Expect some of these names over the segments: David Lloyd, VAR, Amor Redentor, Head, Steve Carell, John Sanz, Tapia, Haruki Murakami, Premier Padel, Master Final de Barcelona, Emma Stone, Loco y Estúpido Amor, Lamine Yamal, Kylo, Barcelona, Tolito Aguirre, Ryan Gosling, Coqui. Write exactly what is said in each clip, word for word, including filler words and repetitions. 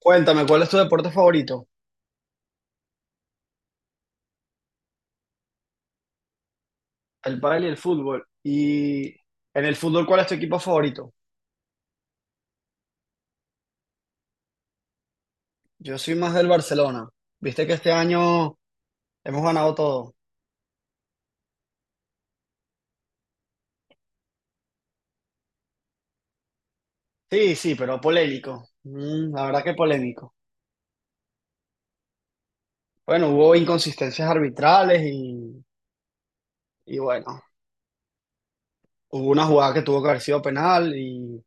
Cuéntame, ¿cuál es tu deporte favorito? El pádel y el fútbol. Y en el fútbol, ¿cuál es tu equipo favorito? Yo soy más del Barcelona. Viste que este año hemos ganado todo. Sí, sí, pero polémico. Mm, la verdad que polémico. Bueno, hubo inconsistencias arbitrales y, y bueno, hubo una jugada que tuvo que haber sido penal y,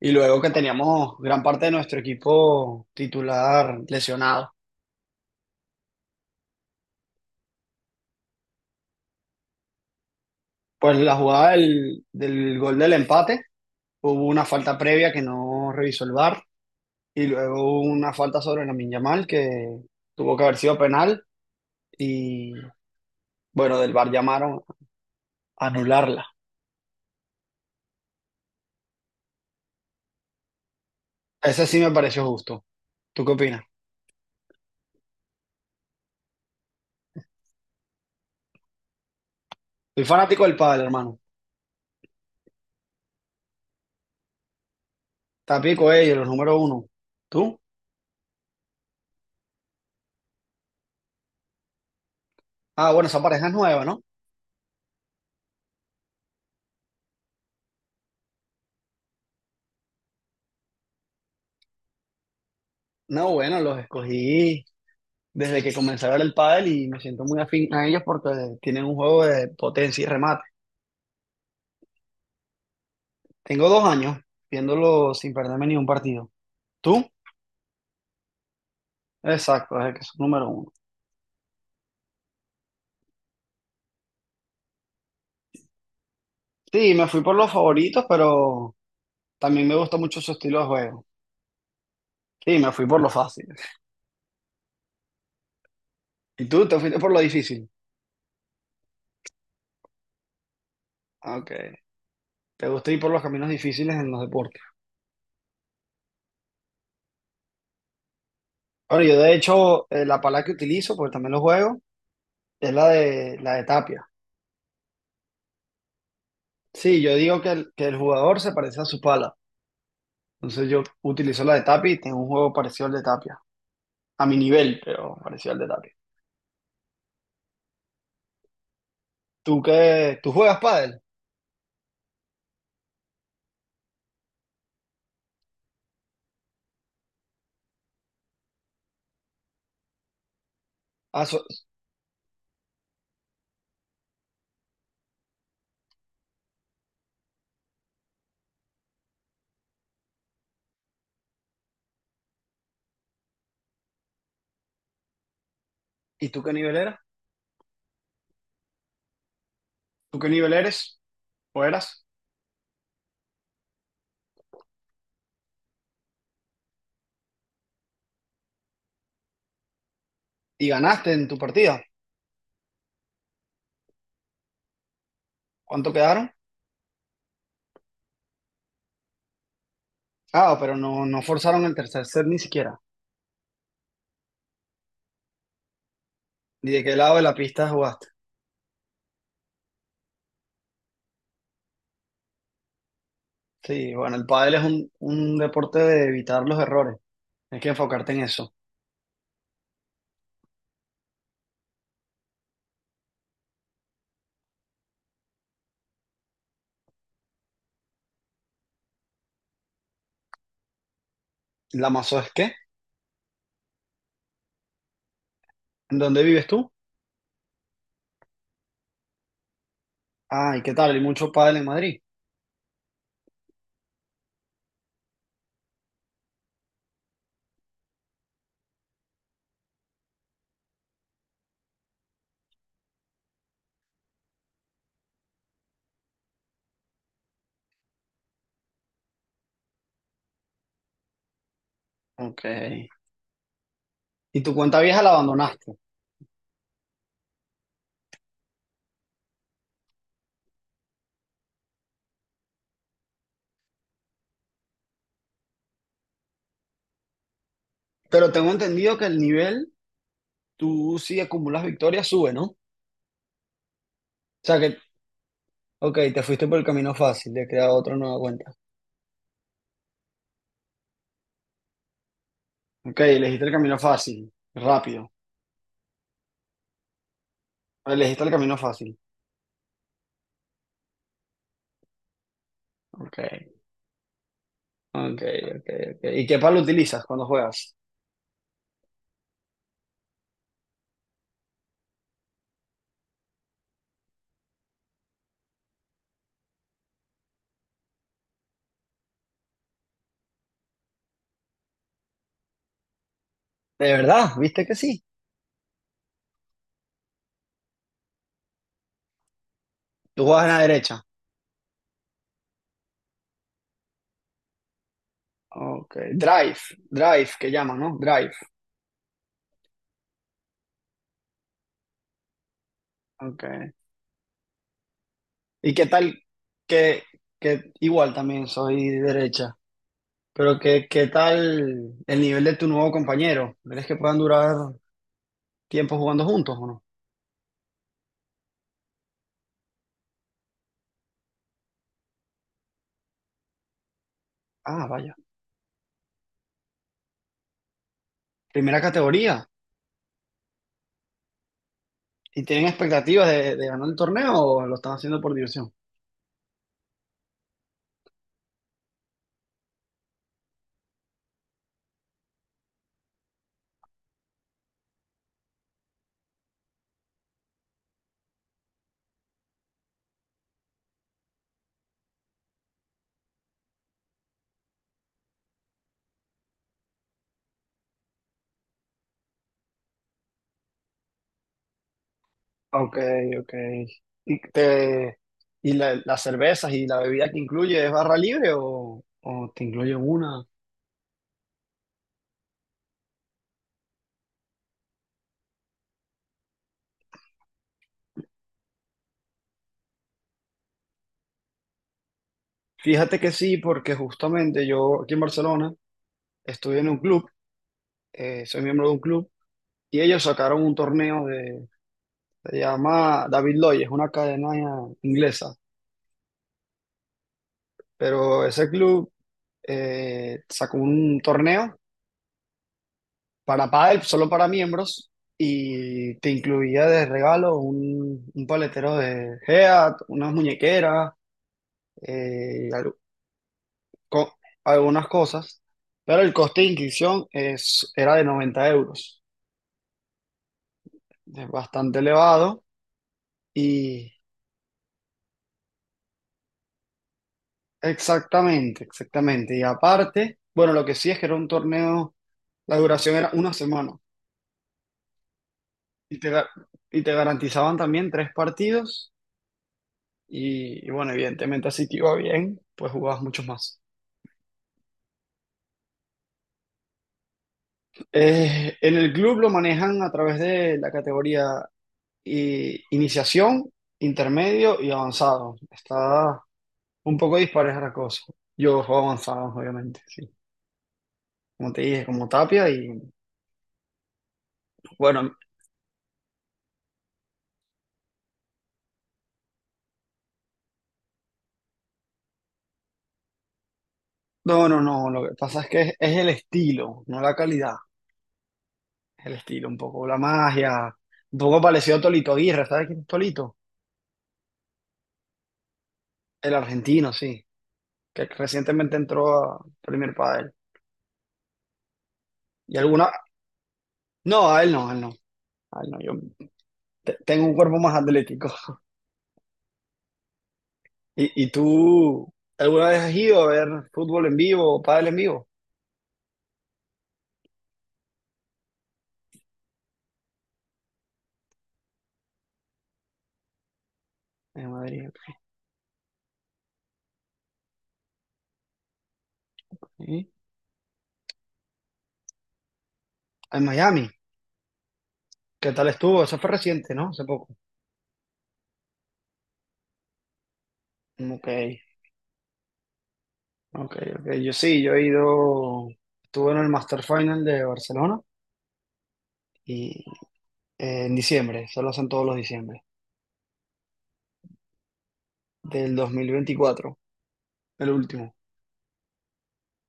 y luego que teníamos gran parte de nuestro equipo titular lesionado. Pues la jugada del, del gol del empate. Hubo una falta previa que no revisó el V A R y luego una falta sobre Lamine Yamal que tuvo que haber sido penal y bueno, del V A R llamaron a anularla. Ese sí me pareció justo. ¿Tú qué opinas? Soy fanático del pádel, hermano. Tapico ellos, los número uno. ¿Tú? Ah, bueno, esa pareja es nueva, ¿no? No, bueno, los escogí desde que comencé a ver el pádel y me siento muy afín a ellos porque tienen un juego de potencia y remate. Tengo dos años viéndolo sin perderme ni un partido. ¿Tú? Exacto, es el que es número uno. Sí, me fui por los favoritos, pero también me gusta mucho su estilo de juego. Sí, me fui por lo fácil. ¿Y tú te fuiste por lo difícil? Ah, ok. ¿Te gusta ir por los caminos difíciles en los deportes? Ahora, yo de hecho, eh, la pala que utilizo, porque también lo juego, es la de, la de Tapia. Sí, yo digo que el, que el jugador se parece a su pala. Entonces yo utilizo la de Tapia y tengo un juego parecido al de Tapia. A mi nivel, pero parecido al de Tapia. ¿Tú qué? ¿Tú juegas pádel? Ah, so- ¿Y tú qué nivel eras? ¿Tú qué nivel eres? ¿O eras? Y ganaste en tu partida. ¿Cuánto quedaron? Ah, pero no, no forzaron el tercer set ni siquiera. ¿Y de qué lado de la pista jugaste? Sí, bueno, el pádel es un, un deporte de evitar los errores. Hay que enfocarte en eso. ¿La mazo es qué? ¿En dónde vives tú? Ah, ¿y qué tal? ¿Hay mucho pádel en Madrid? Ok. Y tu cuenta vieja la abandonaste. Pero tengo entendido que el nivel, tú si acumulas victorias, sube, ¿no? O sea que, ok, te fuiste por el camino fácil, de crear otra nueva cuenta. Ok, elegiste el camino fácil, rápido. Elegiste el camino fácil. Okay, okay, okay, okay. ¿Y qué palo utilizas cuando juegas? ¿De verdad? ¿Viste que sí? Tú juegas en la derecha. Okay. Drive, drive, que llaman, ¿no? Drive. Okay. ¿Y qué tal que, que igual también soy derecha? ¿Pero qué, qué tal el nivel de tu nuevo compañero? ¿Crees que puedan durar tiempo jugando juntos o no? Ah, vaya. Primera categoría. ¿Y tienen expectativas de, de ganar el torneo o lo están haciendo por diversión? Ok, ok. ¿Y, te, y la- las cervezas y la bebida que incluye es barra libre o, o te incluye una? Fíjate que sí, porque justamente yo aquí en Barcelona estuve en un club, eh, soy miembro de un club, y ellos sacaron un torneo de, se llama David Lloyd, es una cadena inglesa, pero ese club eh, sacó un torneo para pádel, solo para miembros, y te incluía de regalo un, un paletero de Head, unas muñequeras, eh, al- co- algunas cosas, pero el coste de inscripción es, era de noventa euros, es bastante elevado, y exactamente, exactamente, y aparte, bueno, lo que sí es que era un torneo, la duración era una semana, y te, ga- y te garantizaban también tres partidos. Y, y bueno, evidentemente así te iba bien, pues jugabas muchos más. Eh, en el club lo manejan a través de la categoría i- iniciación, intermedio y avanzado. Está un poco dispareja la cosa. Yo juego avanzado, obviamente, sí. Como te dije, como Tapia y bueno, no, no, no, lo que pasa es que es, es el estilo, no la calidad, es el estilo, un poco la magia, un poco parecido a Tolito Aguirre, ¿sabes quién es Tolito? El argentino, sí, que recientemente entró a Premier Padel. ¿Y alguna? No, a él no, a él no. A él no. Yo te- tengo un cuerpo más atlético. ¿Y, y tú alguna vez has ido a ver fútbol en vivo o pádel en vivo? En Madrid. ¿Sí? En Miami. ¿Qué tal estuvo? Eso fue reciente, ¿no? Hace poco. Ok, ok, ok. Yo sí, yo he ido, estuve en el Master Final de Barcelona y eh, en diciembre, se lo hacen todos los diciembre, del dos mil veinticuatro, el último.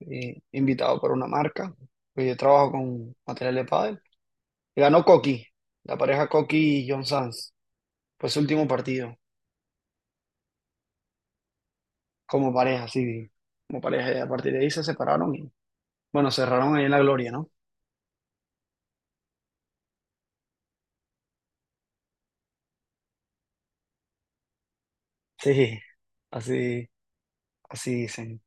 Y invitado por una marca, pues yo trabajo con material de pádel. Ganó Coqui, la pareja Coqui y John Sanz. Fue su último partido como pareja, sí, como pareja. Y a partir de ahí se separaron y, bueno, cerraron ahí en la gloria, ¿no? Sí, así, así dicen.